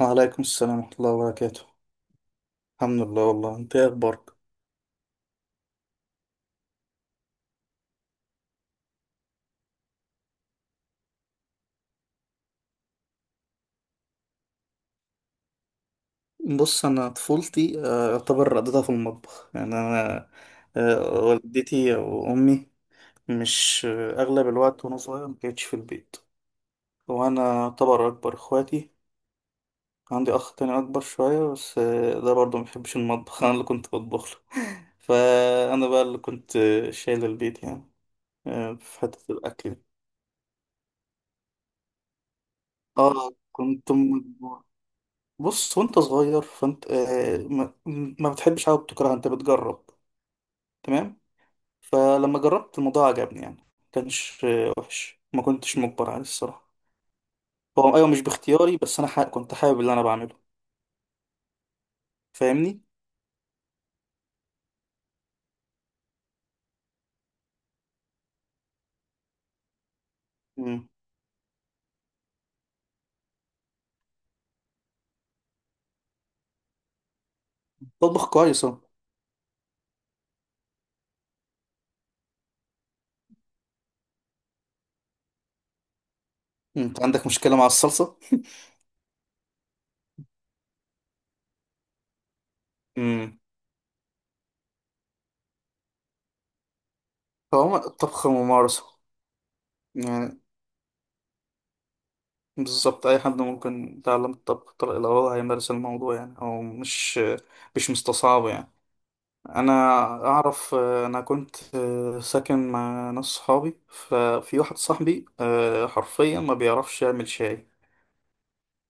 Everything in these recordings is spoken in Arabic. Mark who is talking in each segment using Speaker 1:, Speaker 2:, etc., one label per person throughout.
Speaker 1: وعليكم السلام ورحمة الله وبركاته. الحمد لله. والله انت ايه اخبارك؟ بص، انا طفولتي يعتبر قضيتها في المطبخ، يعني انا والدتي وامي مش اغلب الوقت وانا صغير ما كانتش في البيت. وانا يعتبر اكبر اخواتي. عندي اخ تاني اكبر شوية بس ده برضه ما بيحبش المطبخ. انا اللي كنت بطبخ له. فانا بقى اللي كنت شايل البيت، يعني في حتة الاكل دي. اه، كنت مجبور. بص، وانت صغير فانت ما بتحبش حاجه بتكرهها، انت بتجرب. تمام. فلما جربت الموضوع عجبني، يعني ما كانش وحش، ما كنتش مجبر عليه الصراحه. هو ايوه مش باختياري، بس انا حق كنت حابب اللي انا بعمله. فاهمني. امم. بطبخ كويس اهو. انت عندك مشكله مع الصلصه؟ امم. فهو الطبخ ممارسه يعني. بالظبط، اي حد ممكن يتعلم الطبخ لو هو هيمارس الموضوع، يعني او مش مستصعب يعني. انا اعرف، انا كنت ساكن مع ناس صحابي، ففي واحد صاحبي حرفيا ما بيعرفش يعمل شاي.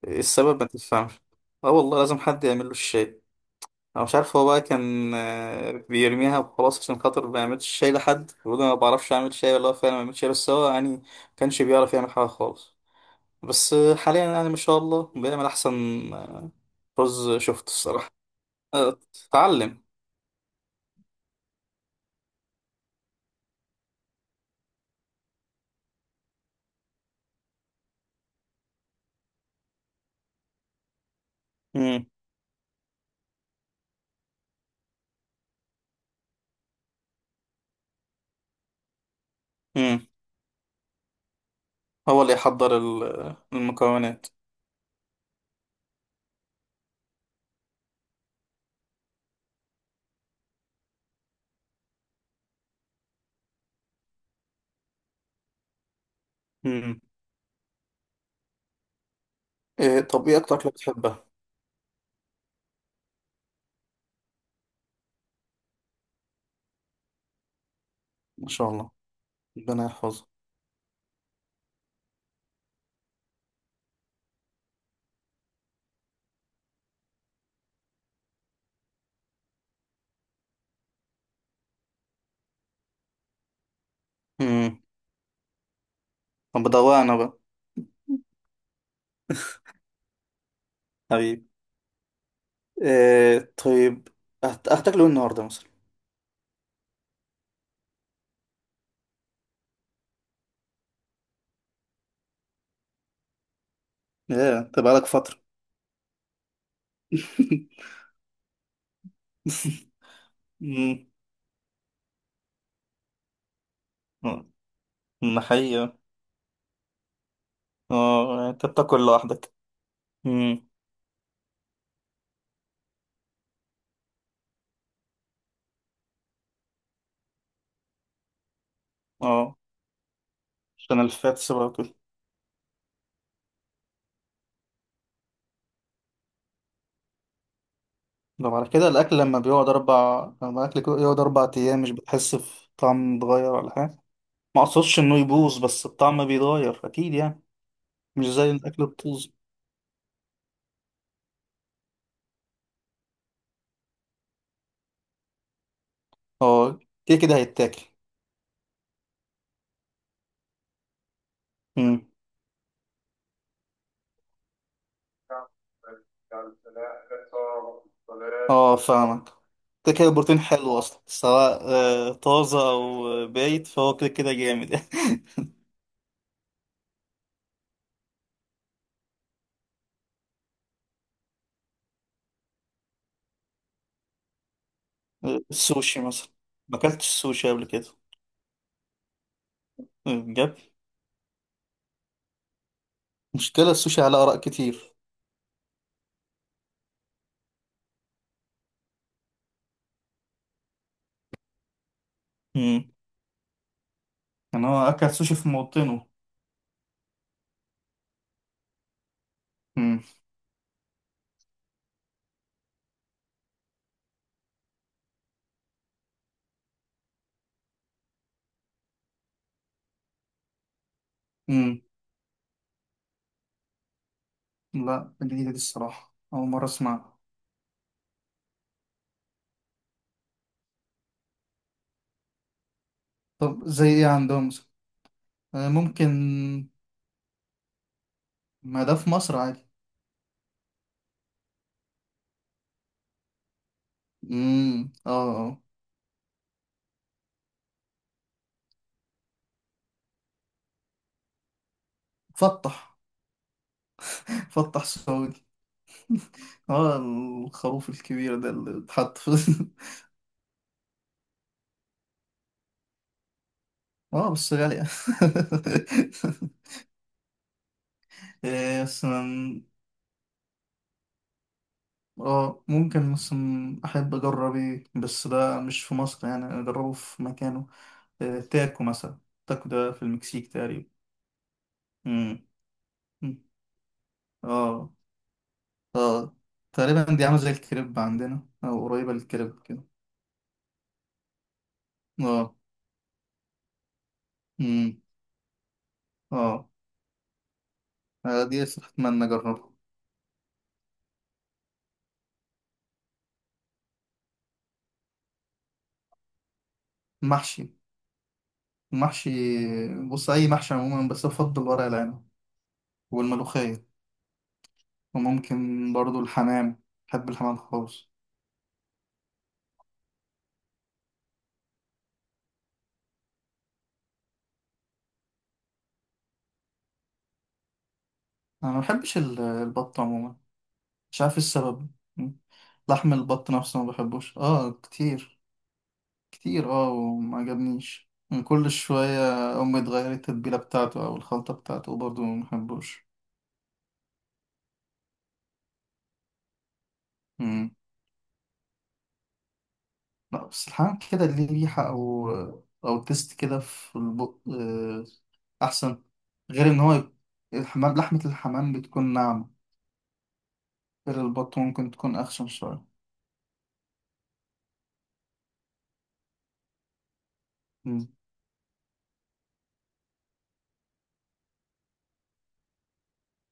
Speaker 1: السبب ما تفهمش. اه والله، لازم حد يعمل له الشاي. انا مش عارف، هو بقى كان بيرميها وخلاص عشان خاطر ما يعملش شاي لحد بيقول انا ما بعرفش اعمل شاي، ولا هو فعلا ما بيعملش شاي، بس هو يعني ما كانش بيعرف يعمل حاجه خالص. بس حاليا يعني ما شاء الله بيعمل احسن آه، رز، شفته الصراحه. آه، اتعلم. مم. مم. هو اللي يحضر المكونات. امم. طب ايه اكتر اكله بتحبها؟ ما شاء الله. ربنا يحفظها. امم. طب بدوقنا انا بقى. حبيبي. إيه طيب، هتاكله إيه النهارده مثلا؟ ايه انت بقالك فتره؟ امم. ده حقيقة. اه، انت بتاكل لوحدك؟ امم. اه، عشان الفاتس بقى وكده. طب على كده الاكل لما بيقعد اربع، لما الاكل كده يقعد اربع ايام مش بتحس في طعم اتغير ولا حاجه؟ ما اقصدش انه يبوظ، بس الطعم بيتغير اكيد يعني، مش زي الاكل الطازج. اه، كده كده هيتاكل. امم. اه فاهمك، كده كده البروتين حلو اصلا، سواء طازه او بايت فهو كده كده جامد. السوشي مثلا. ما اكلتش السوشي قبل كده. بجد؟ مشكله السوشي على اراء كتير. امم. يعني هو اكل سوشي في موطنه. امم. امم. لا، جديده دي الصراحه، اول مره اسمعها. طب زي ايه عندهم مثلا؟ ممكن. ما ده في مصر عادي. امم. اه. آه. فتح. فتح سعودي. اه، الخروف الكبير ده اللي اتحط في. اه بس غالية. إيه مثلا؟ اه، ممكن مثلا أحب أجرب، إيه بس ده مش في مصر، يعني أنا أجربه في مكانه. إيه، تاكو مثلا. تاكو ده في المكسيك تقريبا. مم. مم. اه اه. تقريبا دي عاملة زي الكريب عندنا أو قريبة للكريب كده. اه. مم. اه، دي صراحة أتمنى أجربها. محشي. محشي. بص، أي محشي عموما، بس أفضل ورق العنب والملوخية، وممكن برضو الحمام. بحب الحمام خالص. أنا ما بحبش البط عموما. مش عارف إيه السبب. م. لحم البط نفسه ما بحبوش كتير، كتير، وما عجبنيش من كل شوية. أمي تغير التتبيلة بتاعته أو الخلطة بتاعته وبرضو ما بحبوش. م. لا، بس الحمام كده ليه ريحة أو تيست كده في البق أحسن. غير إن هو الحمام، لحمة الحمام بتكون ناعمة، غير البط ممكن تكون أخشن شوية.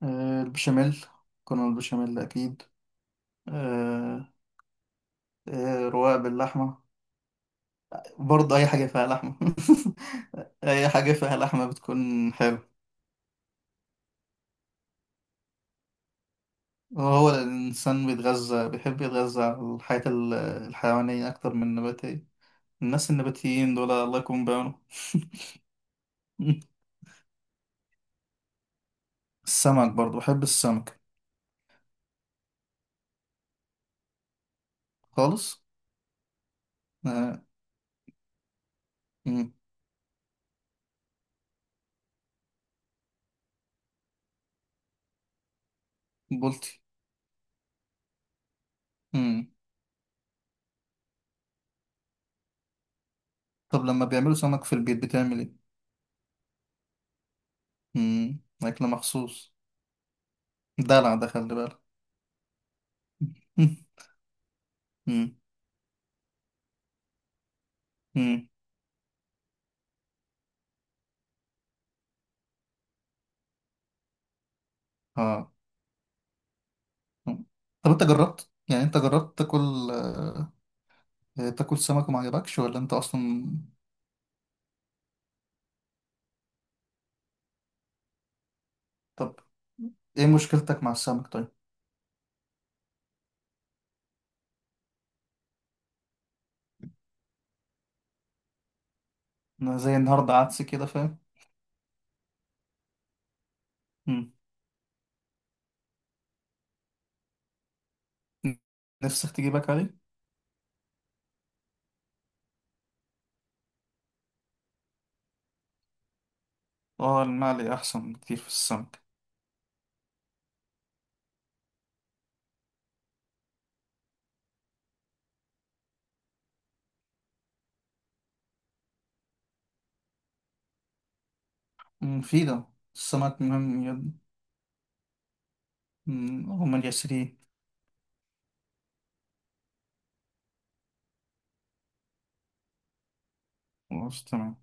Speaker 1: البشاميل. كنا البشاميل أكيد. آه، رواق باللحمة. برضه أي حاجة فيها لحمة. أي حاجة فيها لحمة بتكون حلوة. وهو الإنسان بيتغذى، بيحب يتغذى على الحياة الحيوانية أكتر من النباتية. الناس النباتيين دول الله يكون بعونهم. السمك برضه، بحب السمك. خالص آه، مم، بولتي. مم. طب لما بيعملوا سمك في البيت بتعمل إيه؟ مم، أكل مخصوص. دلع ده خلي بالك. مم. مم. اه. مم. طب انت جربت، يعني انت جربت تاكل، سمك وما عجبكش، ولا انت اصلا؟ طب ايه مشكلتك مع السمك طيب؟ انا زي النهارده عدس كده فاهم. مم. نفسك تجيبك عليه. اه، المقلي احسن بكتير في السمك. مفيدة. السمك مهم يد. مم، هو من يسريه. خلاص تمام.